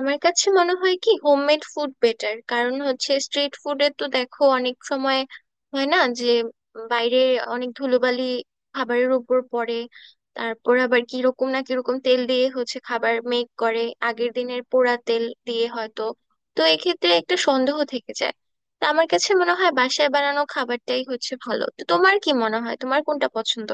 আমার কাছে মনে হয় কি হোমমেড ফুড বেটার। কারণ হচ্ছে স্ট্রিট ফুডে তো দেখো, অনেক সময় হয় না যে বাইরে অনেক ধুলোবালি খাবারের উপর পড়ে। তারপর আবার কিরকম না কিরকম তেল দিয়ে হচ্ছে খাবার মেক করে, আগের দিনের পোড়া তেল দিয়ে হয়তো। তো এক্ষেত্রে একটা সন্দেহ থেকে যায়। তো আমার কাছে মনে হয় বাসায় বানানো খাবারটাই হচ্ছে ভালো। তো তোমার কি মনে হয়, তোমার কোনটা পছন্দ?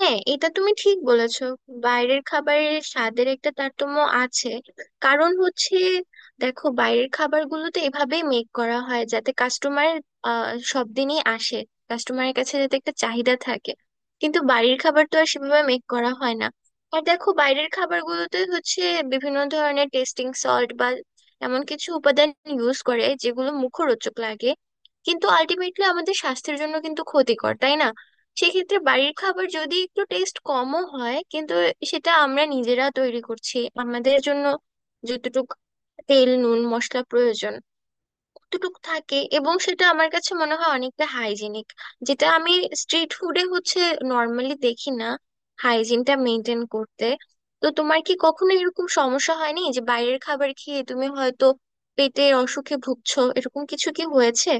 হ্যাঁ, এটা তুমি ঠিক বলেছো, বাইরের খাবারের স্বাদের একটা তারতম্য আছে। কারণ হচ্ছে, দেখো, বাইরের খাবারগুলোতে এভাবেই মেক করা হয় যাতে কাস্টমার সব দিনই আসে, কাস্টমারের কাছে যাতে একটা চাহিদা থাকে। কিন্তু বাড়ির খাবার তো আর সেভাবে মেক করা হয় না। আর দেখো, বাইরের খাবারগুলোতে হচ্ছে বিভিন্ন ধরনের টেস্টিং সল্ট বা এমন কিছু উপাদান ইউজ করে যেগুলো মুখরোচক লাগে, কিন্তু আলটিমেটলি আমাদের স্বাস্থ্যের জন্য কিন্তু ক্ষতিকর, তাই না? সেক্ষেত্রে বাড়ির খাবার যদি একটু টেস্ট কমও হয়, কিন্তু সেটা আমরা নিজেরা তৈরি করছি আমাদের জন্য। যতটুক তেল নুন মশলা প্রয়োজন অতটুক থাকে, এবং সেটা আমার কাছে মনে হয় অনেকটা হাইজিনিক, যেটা আমি স্ট্রিট ফুডে হচ্ছে নর্মালি দেখি না, হাইজিনটা মেনটেন করতে। তো তোমার কি কখনো এরকম সমস্যা হয়নি যে বাইরের খাবার খেয়ে তুমি হয়তো পেটের অসুখে ভুগছো, এরকম কিছু কি হয়েছে?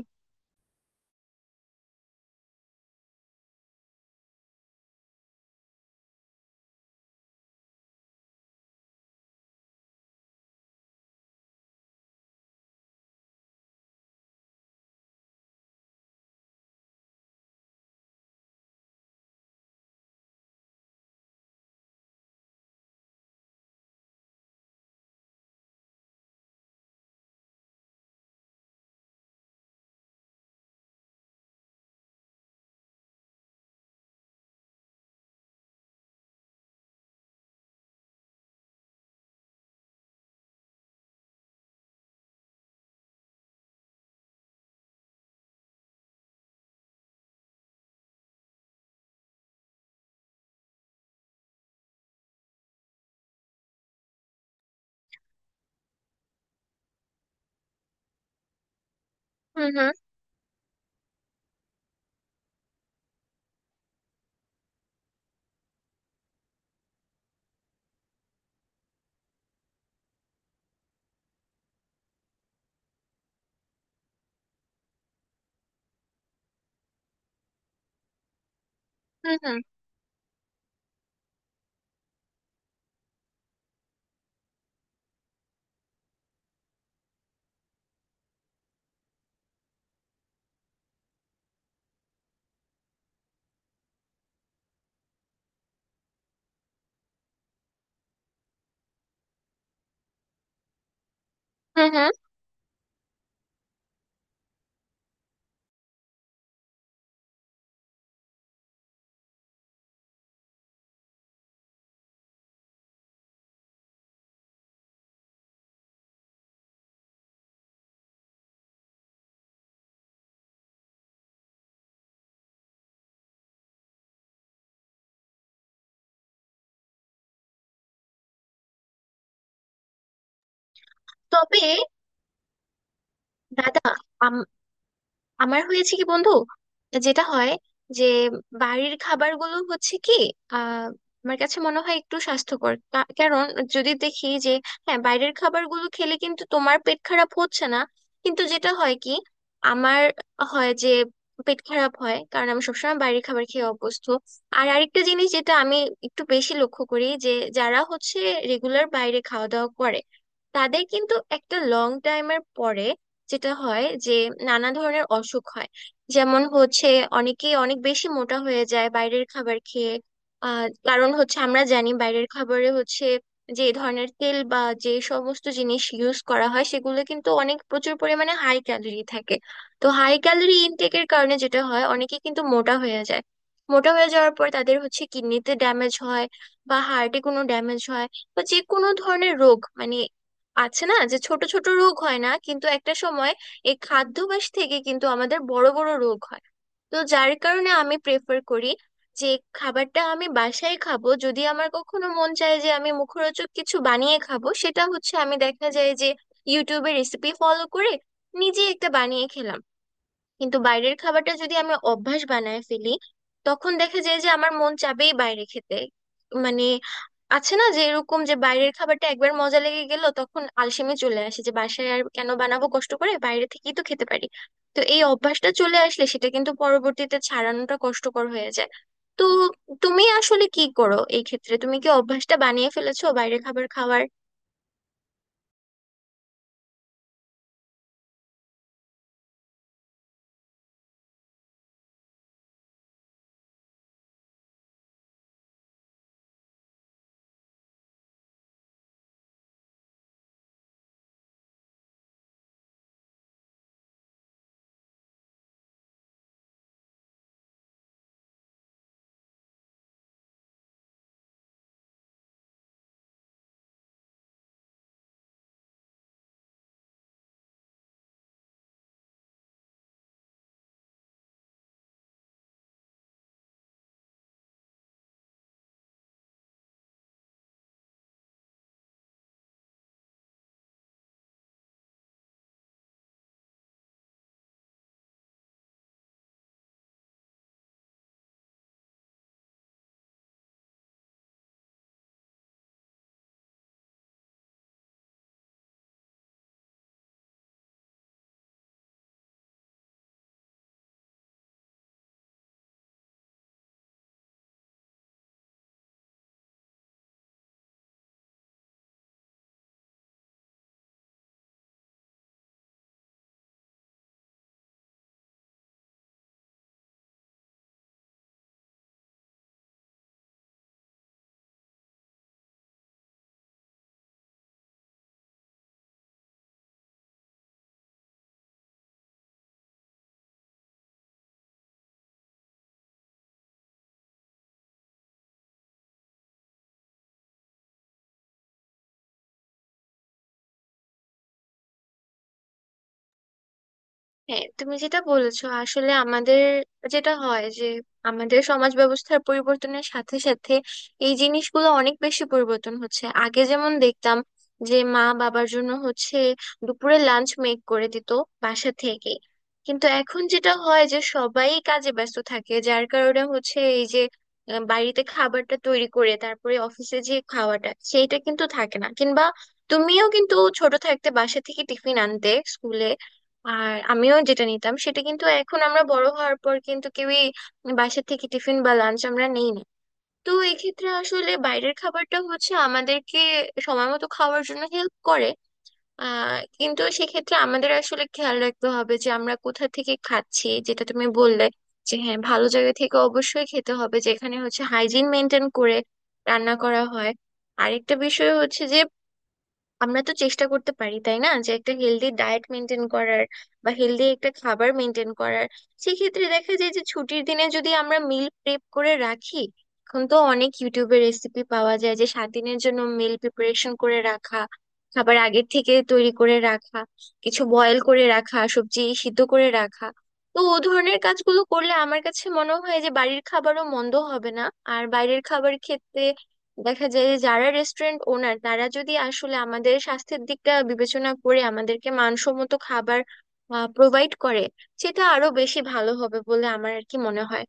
হুম হুম হুম হুম হুম হুম তবে দাদা, আমার হয়েছে কি বন্ধু, যেটা হয় যে বাড়ির খাবারগুলো হচ্ছে কি, আহ আমার কাছে মনে হয় একটু স্বাস্থ্যকর। কারণ যদি দেখি যে, হ্যাঁ, বাইরের খাবারগুলো খেলে কিন্তু তোমার পেট খারাপ হচ্ছে না, কিন্তু যেটা হয় কি, আমার হয় যে পেট খারাপ হয়, কারণ আমি সবসময় বাইরের খাবার খেয়ে অভ্যস্ত। আর আরেকটা জিনিস যেটা আমি একটু বেশি লক্ষ্য করি যে, যারা হচ্ছে রেগুলার বাইরে খাওয়া দাওয়া করে, তাদের কিন্তু একটা লং টাইমের পরে যেটা হয় যে নানা ধরনের অসুখ হয়। যেমন হচ্ছে, অনেকে অনেক বেশি মোটা হয়ে যায় বাইরের খাবার খেয়ে। আহ, কারণ হচ্ছে আমরা জানি বাইরের খাবারে হচ্ছে যে ধরনের তেল বা যে সমস্ত জিনিস ইউজ করা হয়, সেগুলো কিন্তু অনেক প্রচুর পরিমাণে হাই ক্যালোরি থাকে। তো হাই ক্যালোরি ইনটেকের কারণে যেটা হয়, অনেকে কিন্তু মোটা হয়ে যায়। মোটা হয়ে যাওয়ার পর তাদের হচ্ছে কিডনিতে ড্যামেজ হয়, বা হার্টে কোনো ড্যামেজ হয়, বা যে কোনো ধরনের রোগ, মানে আছে না যে ছোট ছোট রোগ হয় না, কিন্তু একটা সময় এই খাদ্যাভ্যাস থেকে কিন্তু আমাদের বড় বড় রোগ হয়। তো যার কারণে আমি প্রেফার করি যে খাবারটা আমি বাসায় খাবো। যদি আমার কখনো মন চায় যে আমি মুখরোচক কিছু বানিয়ে খাবো, সেটা হচ্ছে আমি দেখা যায় যে ইউটিউবে রেসিপি ফলো করে নিজে একটা বানিয়ে খেলাম। কিন্তু বাইরের খাবারটা যদি আমি অভ্যাস বানায় ফেলি, তখন দেখা যায় যে আমার মন চাবেই বাইরে খেতে। মানে আছে না যে, এরকম যে বাইরের খাবারটা একবার মজা লেগে গেল, তখন আলসেমি চলে আসে যে বাসায় আর কেন বানাবো কষ্ট করে, বাইরে থেকেই তো খেতে পারি। তো এই অভ্যাসটা চলে আসলে সেটা কিন্তু পরবর্তীতে ছাড়ানোটা কষ্টকর হয়ে যায়। তো তুমি আসলে কি করো এই ক্ষেত্রে, তুমি কি অভ্যাসটা বানিয়ে ফেলেছো বাইরের খাবার খাওয়ার? হ্যাঁ, তুমি যেটা বলেছো আসলে আমাদের যেটা হয় যে, আমাদের সমাজ ব্যবস্থার পরিবর্তনের সাথে সাথে এই জিনিসগুলো অনেক বেশি পরিবর্তন হচ্ছে। আগে যেমন দেখতাম যে মা বাবার জন্য হচ্ছে দুপুরে লাঞ্চ মেক করে দিত বাসা থেকে, কিন্তু এখন যেটা হয় যে সবাই কাজে ব্যস্ত থাকে, যার কারণে হচ্ছে এই যে বাড়িতে খাবারটা তৈরি করে তারপরে অফিসে যে খাওয়াটা সেইটা কিন্তু থাকে না। কিংবা তুমিও কিন্তু ছোট থাকতে বাসা থেকে টিফিন আনতে স্কুলে, আর আমিও যেটা নিতাম, সেটা কিন্তু এখন আমরা বড় হওয়ার পর কিন্তু কেউই বাসা থেকে টিফিন বা লাঞ্চ আমরা নেই না। তো এক্ষেত্রে আসলে বাইরের খাবারটা হচ্ছে আমাদেরকে সময় মতো খাওয়ার জন্য হেল্প করে। আহ কিন্তু সেক্ষেত্রে আমাদের আসলে খেয়াল রাখতে হবে যে আমরা কোথা থেকে খাচ্ছি, যেটা তুমি বললে যে হ্যাঁ, ভালো জায়গা থেকে অবশ্যই খেতে হবে, যেখানে হচ্ছে হাইজিন মেনটেন করে রান্না করা হয়। আরেকটা বিষয় হচ্ছে যে, আমরা তো চেষ্টা করতে পারি তাই না, যে একটা হেলদি ডায়েট মেনটেন করার বা হেলদি একটা খাবার মেনটেন করার। সেক্ষেত্রে দেখা যায় যে ছুটির দিনে যদি আমরা মিল প্রেপ করে রাখি, এখন তো অনেক ইউটিউবে রেসিপি পাওয়া যায় যে 7 দিনের জন্য মিল প্রিপারেশন করে রাখা, খাবার আগের থেকে তৈরি করে রাখা, কিছু বয়েল করে রাখা, সবজি সিদ্ধ করে রাখা। তো ও ধরনের কাজগুলো করলে আমার কাছে মনে হয় যে বাড়ির খাবারও মন্দ হবে না। আর বাইরের খাবার খেতে দেখা যায় যে, যারা রেস্টুরেন্ট ওনার, তারা যদি আসলে আমাদের স্বাস্থ্যের দিকটা বিবেচনা করে আমাদেরকে মানসম্মত খাবার প্রোভাইড করে, সেটা আরো বেশি ভালো হবে বলে আমার আর কি মনে হয়।